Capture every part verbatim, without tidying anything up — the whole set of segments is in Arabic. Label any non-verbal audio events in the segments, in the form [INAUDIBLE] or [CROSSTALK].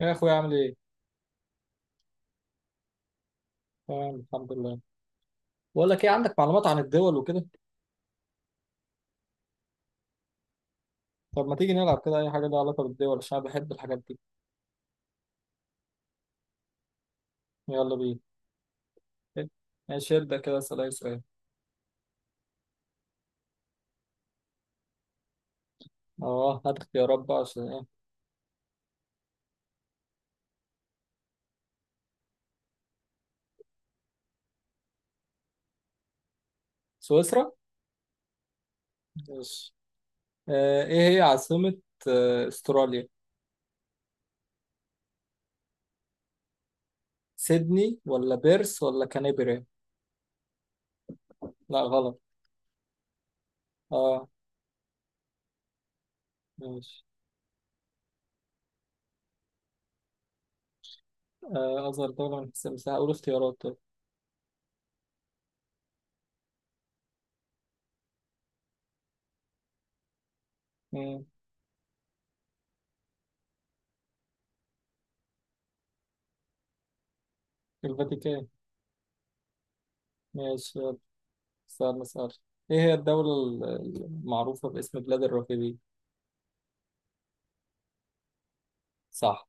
يا اخويا عامل ايه؟ تمام، الحمد لله. بقول لك ايه، عندك معلومات عن الدول وكده؟ طب ما تيجي نلعب كده اي حاجه لها علاقه بالدول، عشان انا بحب الحاجات دي. يلا بينا. ماشي، ابدا كده اسال اي سؤال. اه، هات اختيارات بقى عشان ايه. سويسرا؟ ماشي. آه، ايه هي عاصمه آه استراليا؟ سيدني ولا بيرس ولا كانبري؟ لا، غلط. اه. ماشي. آه، اصغر دوله من حيث المساحه، اقول اختيارات طيب. مم. الفاتيكان. ماشي، يلا، سؤال مسألة. ايه هي الدوله ال- المعروفه باسم بلاد الرافدين؟ صح.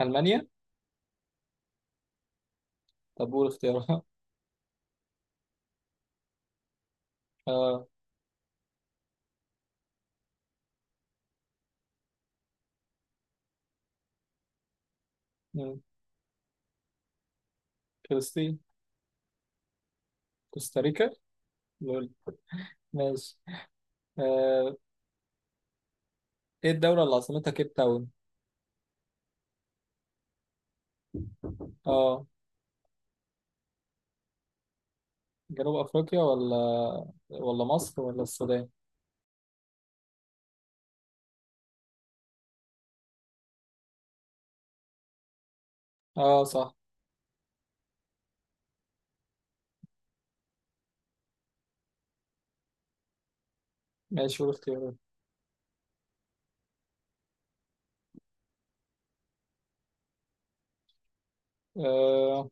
ألمانيا. طب قول اختيارها. آه. مم. فلسطين. كوستاريكا. لول. ماشي. آه. إيه الدولة اللي عاصمتها كيب تاون؟ آه. جنوب أفريقيا ولا ولا مصر ولا السودان؟ آه، صح. ماشي، قول اختيارها. آه.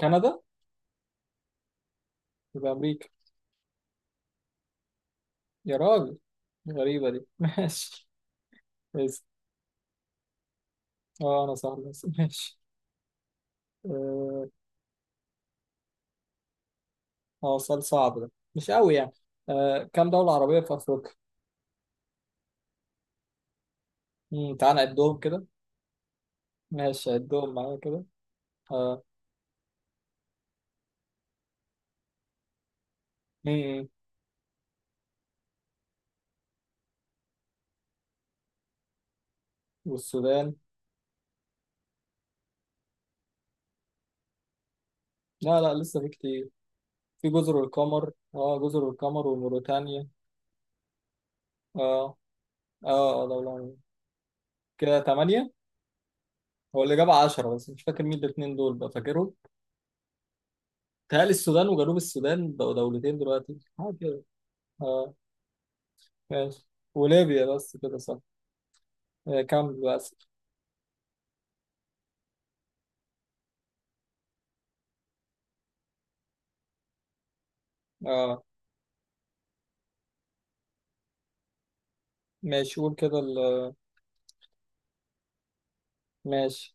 كندا. يبقى أمريكا. يا راجل! غريبة دي. [LAUGHS] ماشي. بس. آه، أنا صح. بس ماشي. آه. آه، سؤال صعب ده مش قوي يعني. آه، كم دولة عربية في أفريقيا؟ مم، تعال نعدهم كده. ماشي عدهم معايا كده. آه. م- م. والسودان. لا لا، لسه في كتير. في جزر القمر، اه جزر القمر وموريتانيا. اه اه، اه دولة عربية. كده تمانية. هو اللي جاب عشرة بس مش فاكر مين الاتنين دول، بقى فاكرهم؟ تهيألي السودان وجنوب السودان بقوا دولتين دلوقتي، حاجة كده. اه. ماشي. وليبيا بس، كده صح. آه كام، للأسف. اه، ماشي، قول كده ال- ماشي.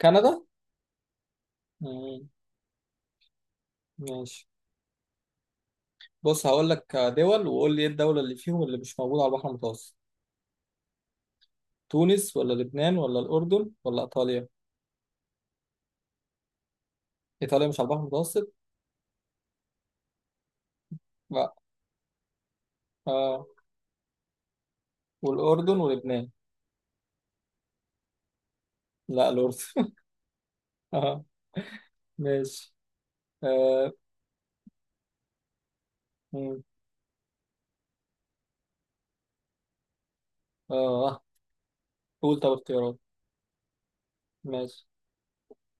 كندا. مم. ماشي. بص هقول لك دول وقول لي ايه الدولة اللي فيهم اللي مش موجودة على البحر المتوسط. تونس ولا لبنان ولا الأردن ولا إيطاليا؟ إيطاليا مش على البحر المتوسط. لا. آه، والأردن ولبنان. لا، الأردن. [LAUGHS] آه. ماشي. آه. مم. آه. قول طب اختيارات. ماشي.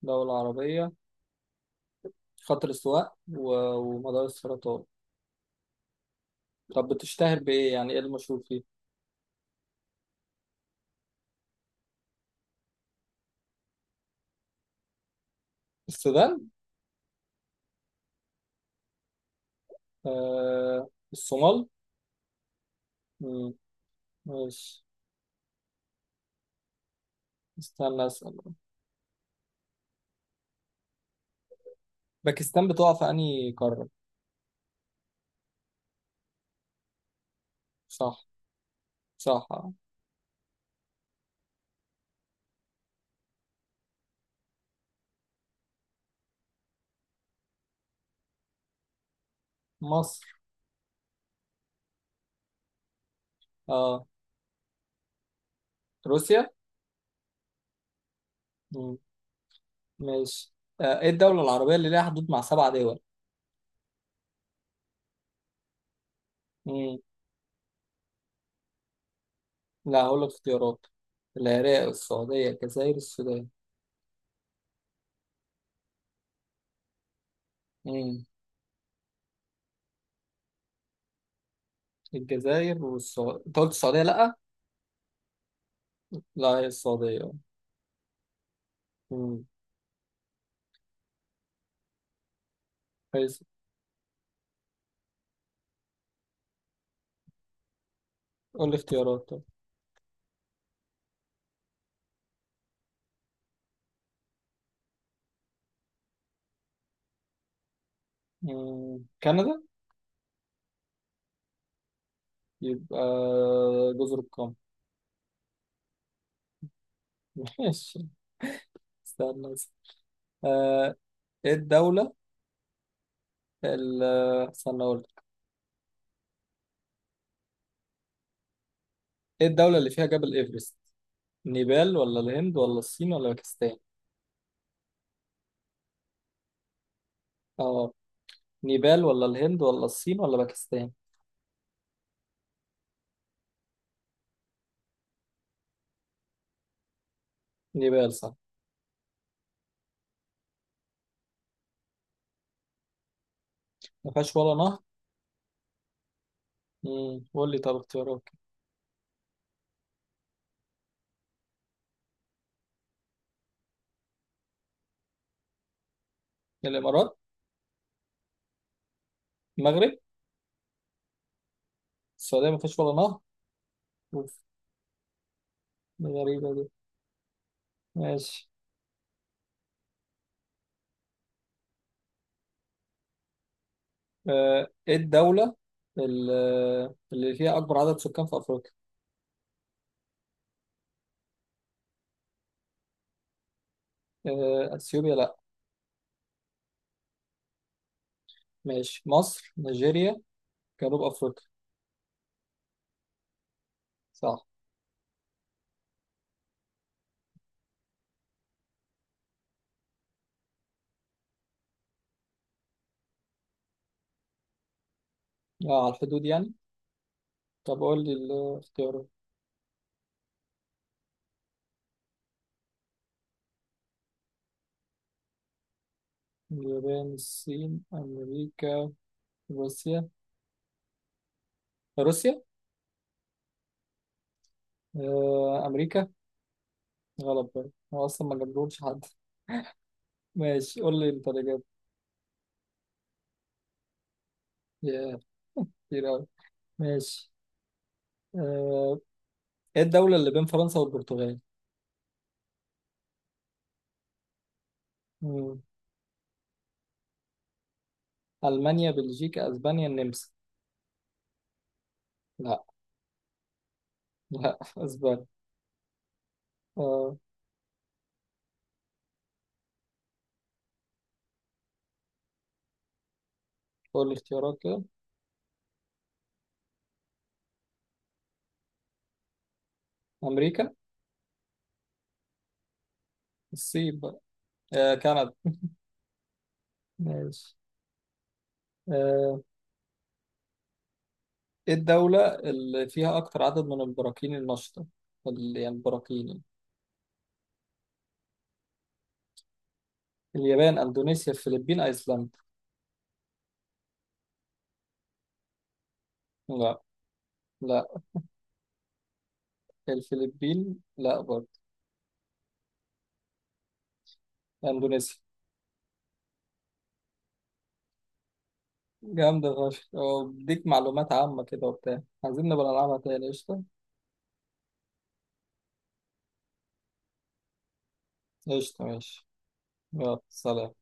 دولة عربية. خط الاستواء و... ومدار السرطان. طب بتشتهر بإيه، يعني إيه المشهور فيه؟ السودان. آه، الصومال. مم. ماشي. استنى أسأل. باكستان بتقع في أنهي قارة؟ صح. صح. آه. مصر. اه. روسيا. ماشي. آه، ايه الدولة العربية اللي ليها حدود مع سبع دول؟ مم. لا، هقول لك اختيارات. العراق، السعودية، الجزائر، السودان. مم. الجزائر والسعودية، انت قلت السعودية لأ؟ لا، هي السعودية. مم. كويس. قول لي اختيارات طب. مم. كندا. يبقى جزر القمر. [LAUGHS] ماشي. استنى بس. آه، ايه الدولة ال- استنى اقول لك. ايه الدولة اللي فيها جبل ايفرست؟ نيبال ولا الهند ولا الصين ولا باكستان؟ اه. نيبال ولا الهند ولا الصين ولا باكستان. نيبال صح. ما فيهاش ولا نهر. امم، قول لي طب اختيارات كده. الامارات. المغرب. السعوديه ما فيهاش ولا نهر. اوف. دي غريبه دي. ماشي. آه، ايه الدوله ال- اللي فيها اكبر عدد سكان في افريقيا. آه، اثيوبيا لا. ماشي، مصر، نيجيريا، جنوب افريقيا. صح. اه، على الحدود يعني. طب قول لي الاختيارات. اليابان، الصين، امريكا، روسيا. روسيا. آه، امريكا. غلط بقى، هو أصلا ما جابلهمش حد. ماشي، قول لي أنت اللي جاب. ياه! [LAUGHS] كتير أوي. ماشي. آه، إيه الدولة اللي بين فرنسا والبرتغال؟ مم. ألمانيا، بلجيكا، أسبانيا، النمسا. لا. لا. [LAUGHS] أسبانيا. آه، قول لي اختيارات كده. أمريكا. الصين بقى. آه، كندا. ماشي. آه، إيه الدولة اللي فيها أكتر عدد من البراكين النشطة؟ ال- يعني البراكين يعني. اليابان، أندونيسيا، الفلبين، أيسلندا. لا. لا. الفلبين لا برضه. أندونيسيا. جامدة فشخ، أه، بديك معلومات عامة كده وبتاع، عايزين نبقى نلعبها تاني، قشطة. قشطة ماشي. يلا سلام.